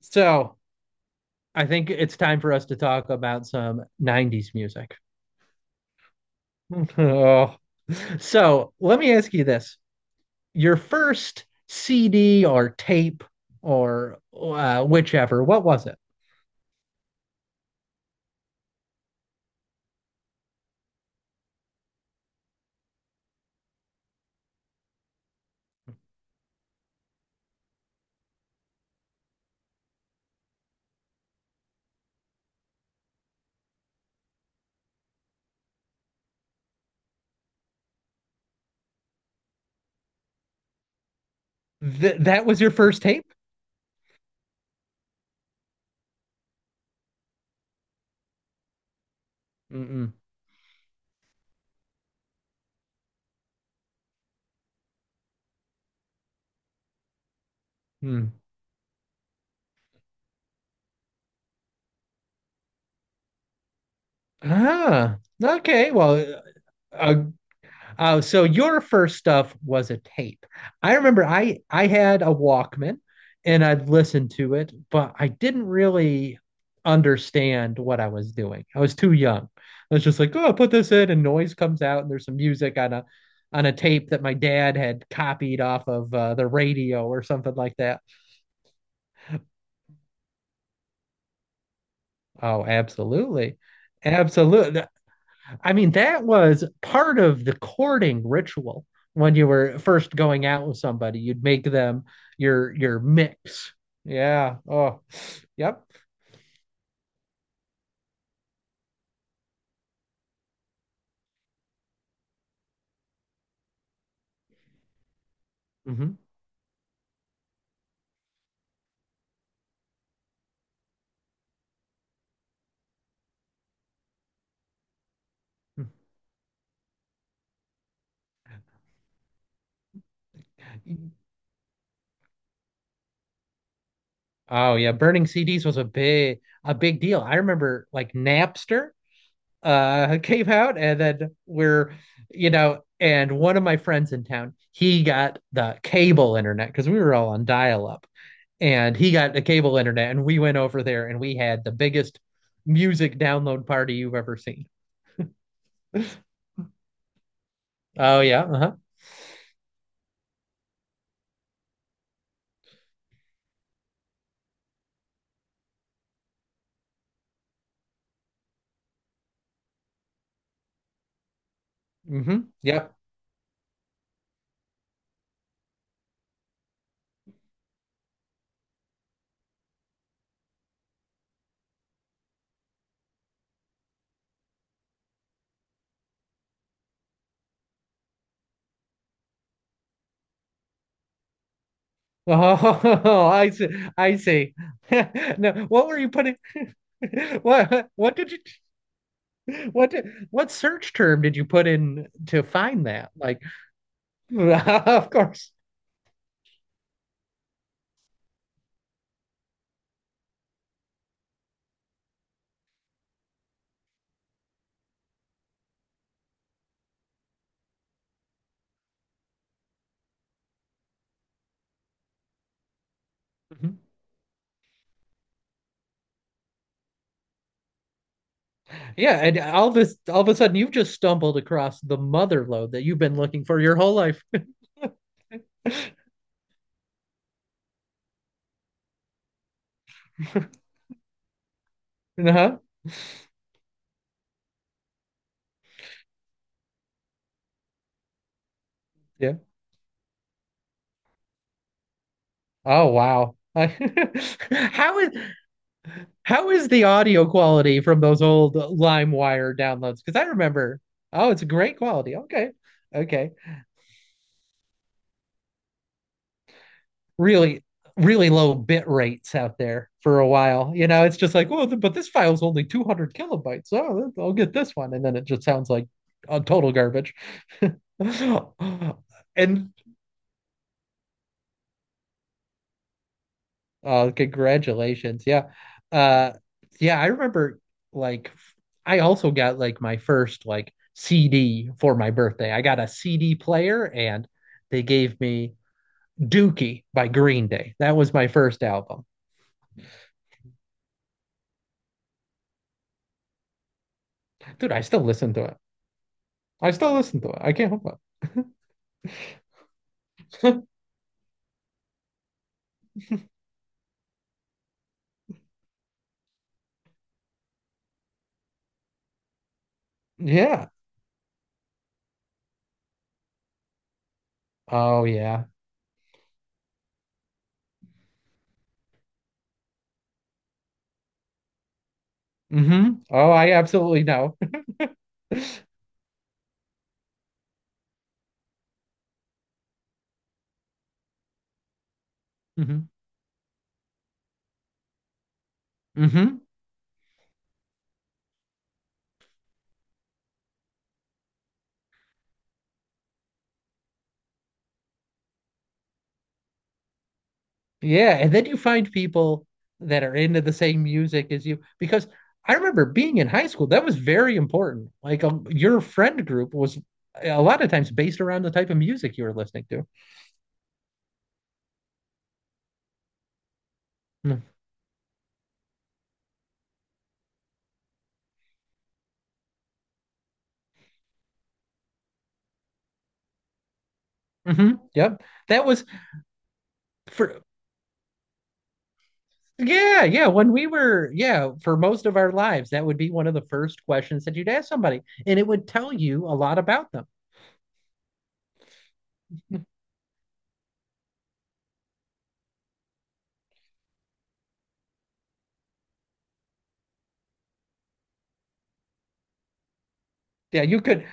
So I think it's time for us to talk about some 90s music. Oh. So let me ask you this. Your first CD or tape or whichever, what was it? Th That was your first tape? Mm-mm. Mm. Ah, okay. Uh, so your first stuff was a tape. I remember I had a Walkman and I'd listen to it, but I didn't really understand what I was doing. I was too young. I was just like, oh, put this in, and noise comes out, and there's some music on a tape that my dad had copied off of the radio or something like that. Oh, absolutely. Absolutely. I mean, that was part of the courting ritual when you were first going out with somebody. You'd make them your mix. Yeah. Oh, yep. hmm Oh yeah, burning CDs was a big deal. I remember like Napster came out and then we're you know and one of my friends in town, he got the cable internet because we were all on dial up and he got the cable internet and we went over there and we had the biggest music download party you've ever seen. Oh yeah, uh-huh. Mm-hmm, yeah. Oh, I see. I see. No, what were you putting? What did you, what did, what search term did you put in to find that like? Of course. Mhm. Yeah, and all this all of a sudden you've just stumbled across the mother load that you've been looking for your whole life. Uh-huh. Yeah. Oh wow. How is the audio quality from those old LimeWire downloads? Because I remember, oh, it's great quality. Okay. Okay. Really, really low bit rates out there for a while. You know, it's just like, well, but this file's only 200 kilobytes. Oh, I'll get this one. And then it just sounds like total garbage. And congratulations. Yeah. Uh, yeah, I remember like I also got like my first like CD for my birthday. I got a CD player and they gave me Dookie by Green Day. That was my first album. Dude, I still listen to it. I still listen to it. I can't help it. Yeah. Oh yeah. Mm-hmm. Oh, I absolutely know. Mm-hmm. Mm-hmm. Yeah, and then you find people that are into the same music as you because I remember being in high school, that was very important. Like your friend group was a lot of times based around the type of music you were listening to. Mm-hmm. Yep. That was for yeah, yeah, when we were yeah, For most of our lives, that would be one of the first questions that you'd ask somebody, and it would tell you a lot about them. Yeah, you could.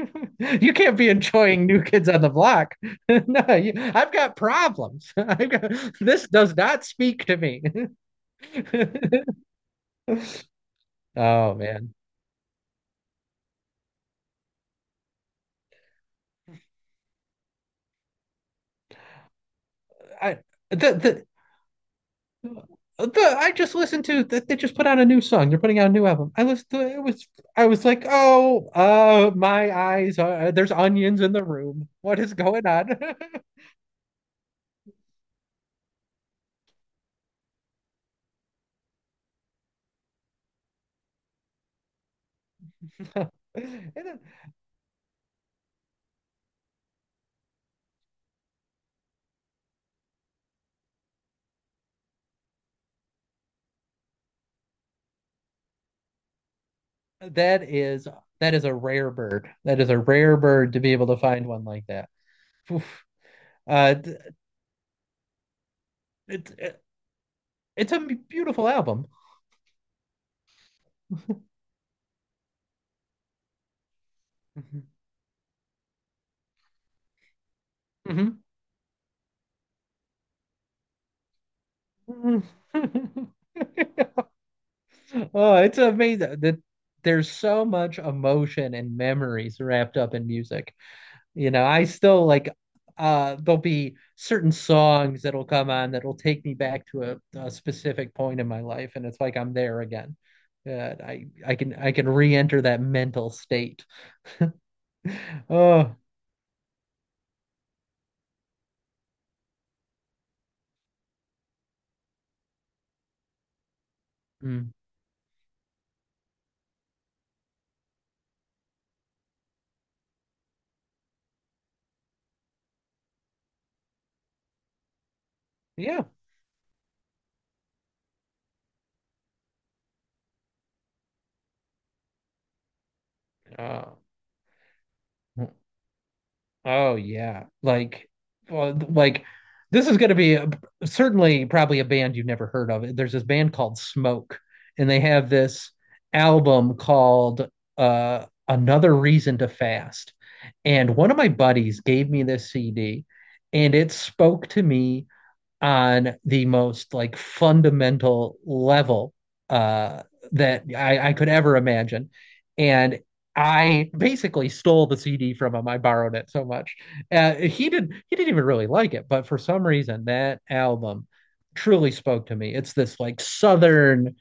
You can't be enjoying New Kids on the Block. no, you, I've got problems. I've got, this does not speak to me. Oh man, I the the. I just listened to that they just put out a new song. They're putting out a new album. I listened to it, it was I was like, oh, my eyes are there's onions in the room. What is going on? And then that is that is a rare bird. That is a rare bird to be able to find one like that. Oof. Uh, it, it, it's a beautiful album. Mhm. Mhm. Oh, it's amazing that there's so much emotion and memories wrapped up in music. You know, I still like there'll be certain songs that'll come on that'll take me back to a specific point in my life and it's like I'm there again. Uh, I can I can re-enter that mental state. Oh, mm, yeah. Uh, Oh yeah, well, like this is going to be certainly probably a band you've never heard of. There's this band called Smoke, and they have this album called "Another Reason to Fast." And one of my buddies gave me this CD, and it spoke to me on the most like fundamental level uh, that I could ever imagine. And I basically stole the CD from him. I borrowed it so much. He didn't even really like it, but for some reason that album truly spoke to me. It's this like southern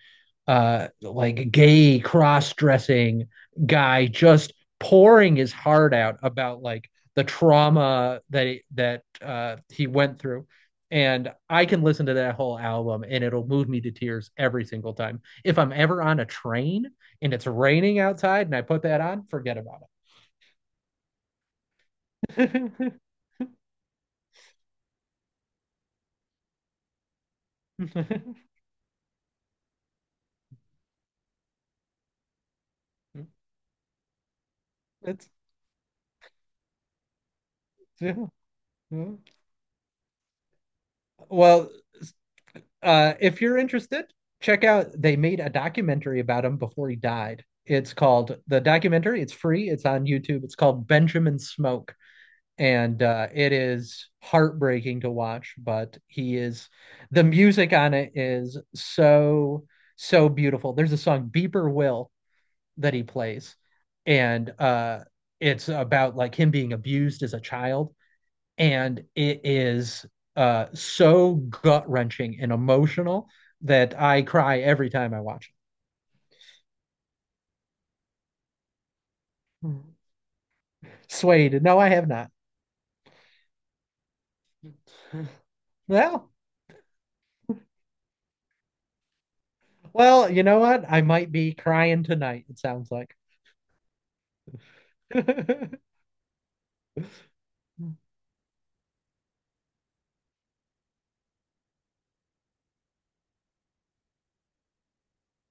like gay cross-dressing guy just pouring his heart out about like the trauma that he went through and I can listen to that whole album and it'll move me to tears every single time. If I'm ever on a train and it's raining outside and I put that on, forget about it. It's yeah. Well, if you're interested, check out they made a documentary about him before he died. It's called the documentary. It's free. It's on YouTube. It's called Benjamin Smoke, and it is heartbreaking to watch. But he is the music on it is so so beautiful. There's a song Beeper Will that he plays, and it's about like him being abused as a child and it is so gut wrenching and emotional that I cry every time I watch it. Mm. Swayed, no, I have not. Mm. Well, well, you know what? I might be crying tonight. It sounds like. No,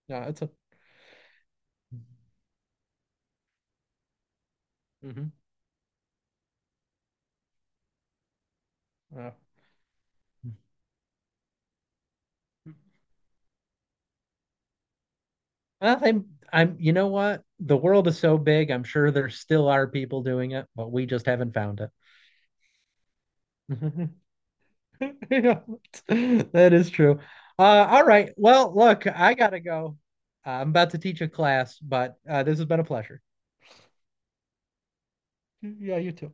it's a. mhm, uh, well, I'm, I'm. You know what? The world is so big. I'm sure there still are people doing it, but we just haven't found it. Yeah, that is true. All right. Well, look, I gotta go. I'm about to teach a class, but this has been a pleasure. Yeah, you too.